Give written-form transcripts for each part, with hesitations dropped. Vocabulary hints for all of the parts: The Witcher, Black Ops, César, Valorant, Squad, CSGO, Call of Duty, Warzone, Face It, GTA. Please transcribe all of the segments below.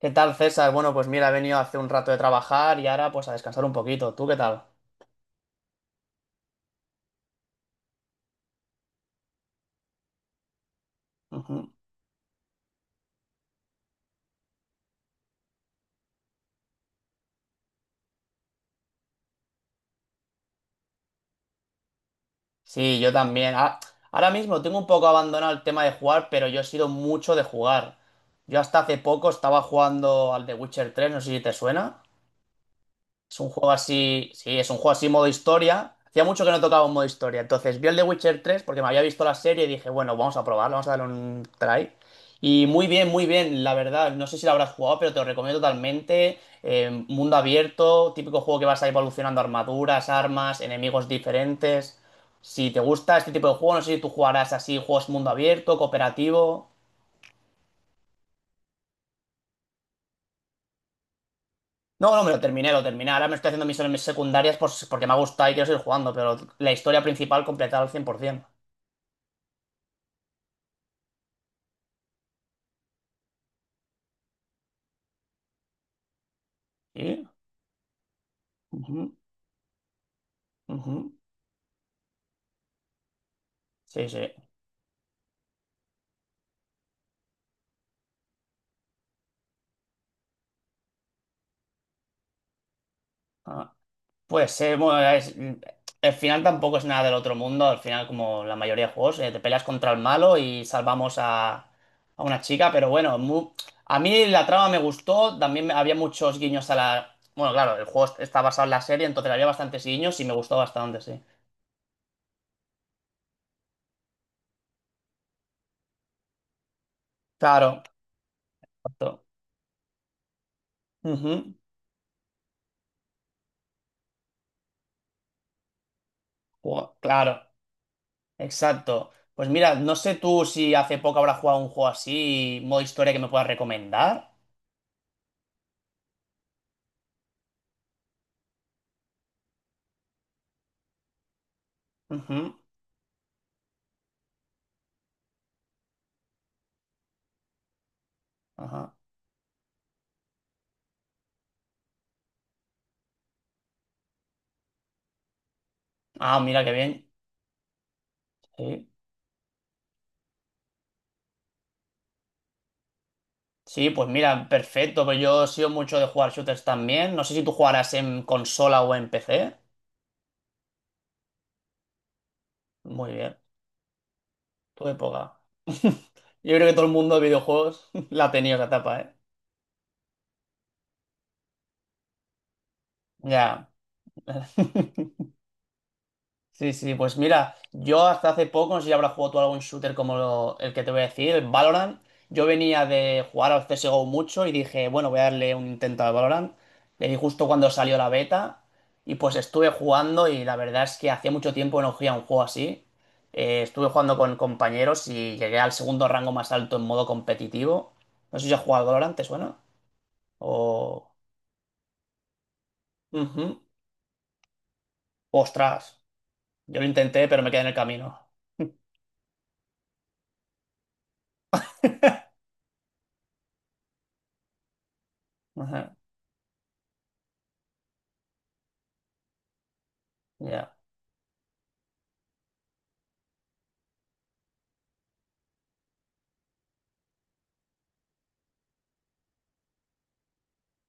¿Qué tal, César? Bueno, pues mira, he venido hace un rato de trabajar y ahora pues a descansar un poquito. ¿Tú qué tal? Ujú. Sí, yo también. Ah, ahora mismo tengo un poco abandonado el tema de jugar, pero yo he sido mucho de jugar. Yo hasta hace poco estaba jugando al The Witcher 3, no sé si te suena. Es un juego así, sí, es un juego así modo historia. Hacía mucho que no tocaba un modo historia. Entonces vi el de Witcher 3 porque me había visto la serie y dije, bueno, vamos a probarlo, vamos a darle un try. Y muy bien, la verdad. No sé si lo habrás jugado, pero te lo recomiendo totalmente. Mundo abierto, típico juego que vas a ir evolucionando armaduras, armas, enemigos diferentes. Si te gusta este tipo de juego, no sé si tú jugarás así, juegos mundo abierto, cooperativo. No, no, me lo terminé, lo terminé. Ahora me estoy haciendo misiones secundarias si, porque me ha gustado y quiero seguir jugando, pero la historia principal completada al 100%. Sí, ujú, ujú. Sí, sí. Ah, pues bueno, el final tampoco es nada del otro mundo. Al final, como la mayoría de juegos, te peleas contra el malo y salvamos a una chica, pero bueno, a mí la trama me gustó. También había muchos guiños a la. Bueno, claro, el juego está basado en la serie, entonces había bastantes guiños y me gustó bastante, sí. Claro. Exacto. Ujú. Claro, exacto. Pues mira, no sé tú si hace poco habrás jugado un juego así, modo historia que me puedas recomendar. Ujú, ajá. Ah, mira, qué bien. Sí. Sí, pues mira, perfecto. Pues yo he sido mucho de jugar shooters también. No sé si tú jugarás en consola o en PC. Muy bien, tu época. Yo creo que todo el mundo de videojuegos la ha tenido esa etapa, ¿eh? Ya. Sí, sí, pues mira, yo hasta hace poco, no sé si habrás jugado tú algún shooter como el que te voy a decir, el Valorant. Yo venía de jugar al CSGO mucho y dije, bueno, voy a darle un intento al Valorant. Le di justo cuando salió la beta y pues estuve jugando y la verdad es que hacía mucho tiempo que no jugaba un juego así. Estuve jugando con compañeros y llegué al segundo rango más alto en modo competitivo. No sé si has jugado al Valorant, ¿te suena? O. Ujú. Ostras, yo lo intenté, pero me quedé en el camino. Ajá, ya.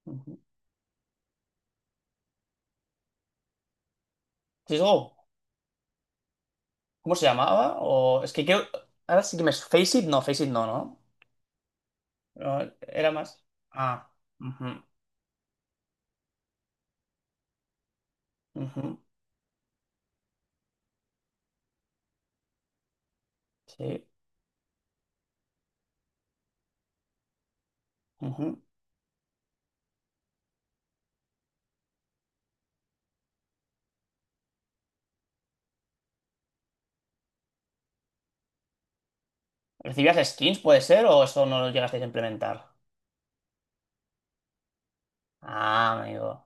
Ujú. Si digo, ¿cómo se llamaba? O es que creo. Ahora sí que me. Face It no, ¿no? No, era más. Ah, ujú, ujú, sí. Ujú. ¿Recibías skins, puede ser? ¿O eso no lo llegasteis a implementar? Ah, amigo.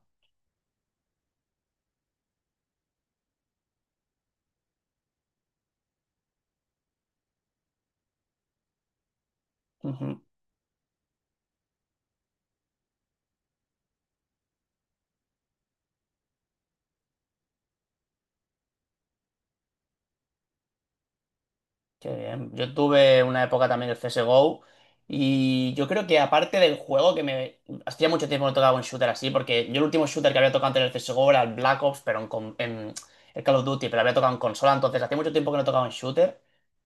Ujú. Qué bien. Yo tuve una época también del CSGO y yo creo que aparte del juego que me. Hacía mucho tiempo que no tocaba un shooter así porque yo el último shooter que había tocado antes del CSGO era el Black Ops, pero en el Call of Duty, pero había tocado en consola, entonces hacía mucho tiempo que no tocaba un shooter.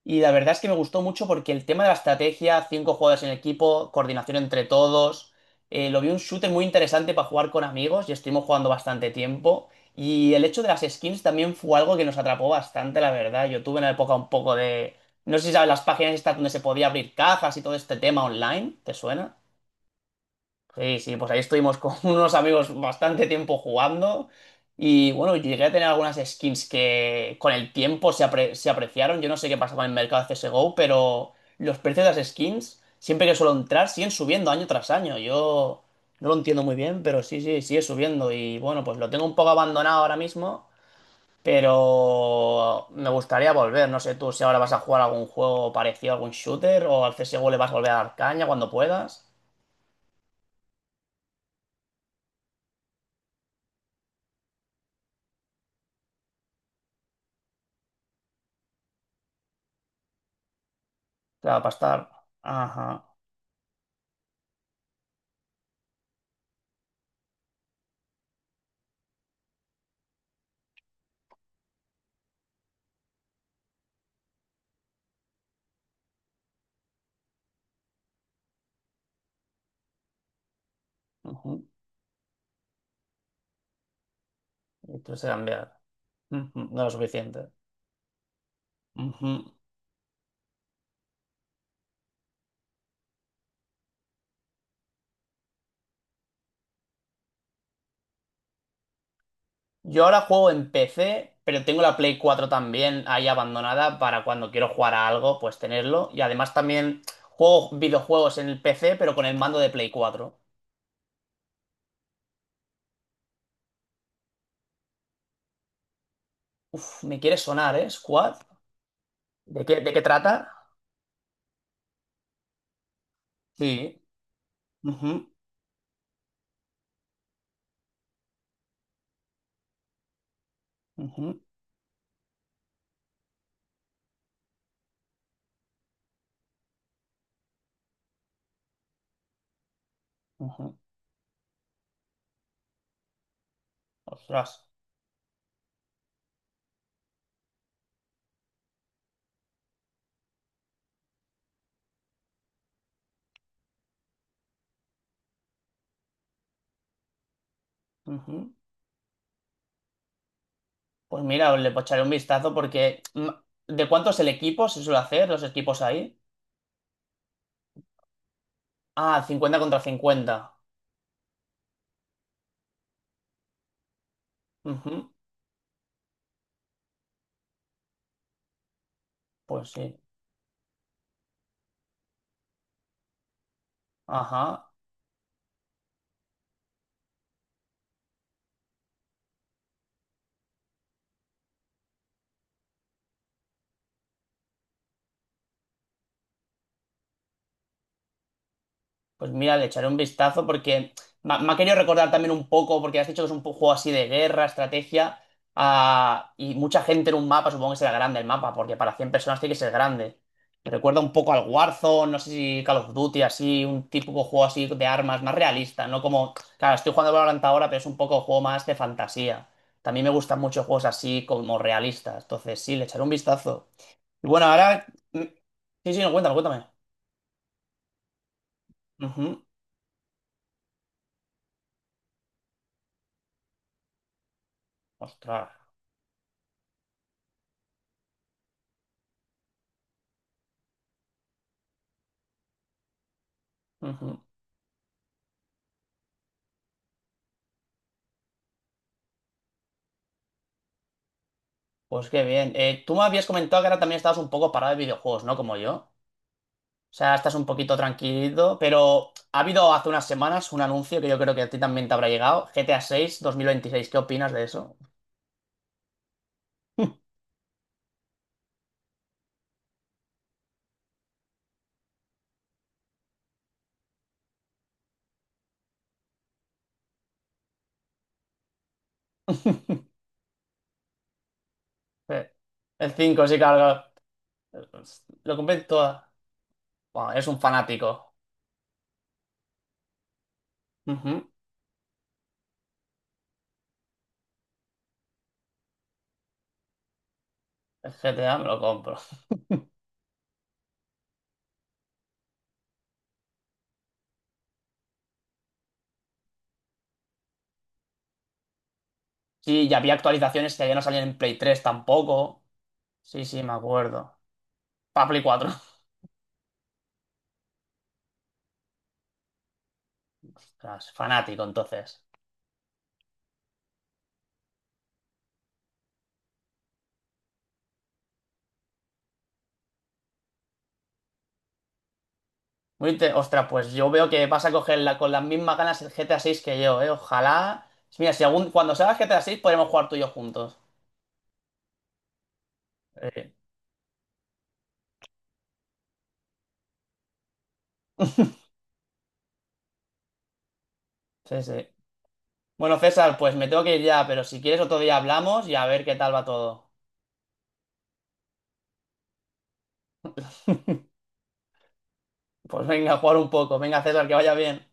Y la verdad es que me gustó mucho porque el tema de la estrategia, cinco jugadores en equipo, coordinación entre todos, lo vi un shooter muy interesante para jugar con amigos y estuvimos jugando bastante tiempo. Y el hecho de las skins también fue algo que nos atrapó bastante, la verdad. Yo tuve una época un poco de no sé si sabes las páginas estas donde se podía abrir cajas y todo este tema online, ¿te suena? Sí, sí, pues ahí estuvimos con unos amigos bastante tiempo jugando y bueno, llegué a tener algunas skins que con el tiempo se apreciaron. Yo no sé qué pasa con el mercado CSGO, pero los precios de las skins, siempre que suelo entrar, siguen subiendo año tras año. Yo no lo entiendo muy bien, pero sí, sí, sigue subiendo y bueno, pues lo tengo un poco abandonado ahora mismo. Pero me gustaría volver, no sé tú si ahora vas a jugar algún juego parecido, algún shooter, o al CSGO le vas a volver a dar caña cuando puedas. Claro, para estar. Ajá. Ujú. Y tú se cambiar. Ujú. No es lo suficiente. Ujú. Yo ahora juego en PC, pero tengo la Play 4 también ahí abandonada para cuando quiero jugar a algo, pues tenerlo. Y además también juego videojuegos en el PC, pero con el mando de Play 4. Uf, me quiere sonar, ¿eh? Squad. ¿De qué trata? Sí. Ujú, ujú. Ujú. Ostras. Ujú. Pues mira, le echaré un vistazo porque ¿de cuánto es el equipo? ¿Se suele hacer los equipos ahí? Ah, 50 contra 50. Ujú. Pues sí. Ajá. Pues mira, le echaré un vistazo porque me ha querido recordar también un poco, porque has dicho que es un juego así de guerra, estrategia, ah, y mucha gente en un mapa, supongo que será grande el mapa, porque para 100 personas tiene que ser grande. Me recuerda un poco al Warzone, no sé si Call of Duty, así, un típico juego así de armas, más realista, ¿no? Como, claro, estoy jugando Valorant ahora, pero es un poco juego más de fantasía. También me gustan mucho juegos así como realistas, entonces sí, le echaré un vistazo. Y bueno, ahora. mm, Sí, sí, no, cuéntame, cuéntame. Ujú. Ostras. Ujú. Pues qué bien. Tú me habías comentado que ahora también estabas un poco parado de videojuegos, ¿no? Como yo. O sea, estás un poquito tranquilo, pero ha habido hace unas semanas un anuncio que yo creo que a ti también te habrá llegado, GTA mil veintiséis. ¿Qué opinas de eso? Eh, El 5 sí, claro. Claro. Lo compré en. Bueno, eres un fanático. Ujú. El GTA me lo compro. Sí, ya había actualizaciones que ya no salían en Play 3 tampoco. Sí, sí, me acuerdo. Para Play 4. Ostras, fanático, entonces. Ostras, pues yo veo que vas a coger con las mismas ganas el GTA 6 que yo, ¿eh? Ojalá. Mira, si algún, cuando salga GTA 6 podremos jugar tú y yo juntos. Eh, sí, sí. Bueno, César, pues me tengo que ir ya, pero si quieres otro día hablamos y a ver qué tal va todo. Pues venga, a jugar un poco. Venga, César, que vaya bien.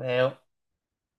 Adiós.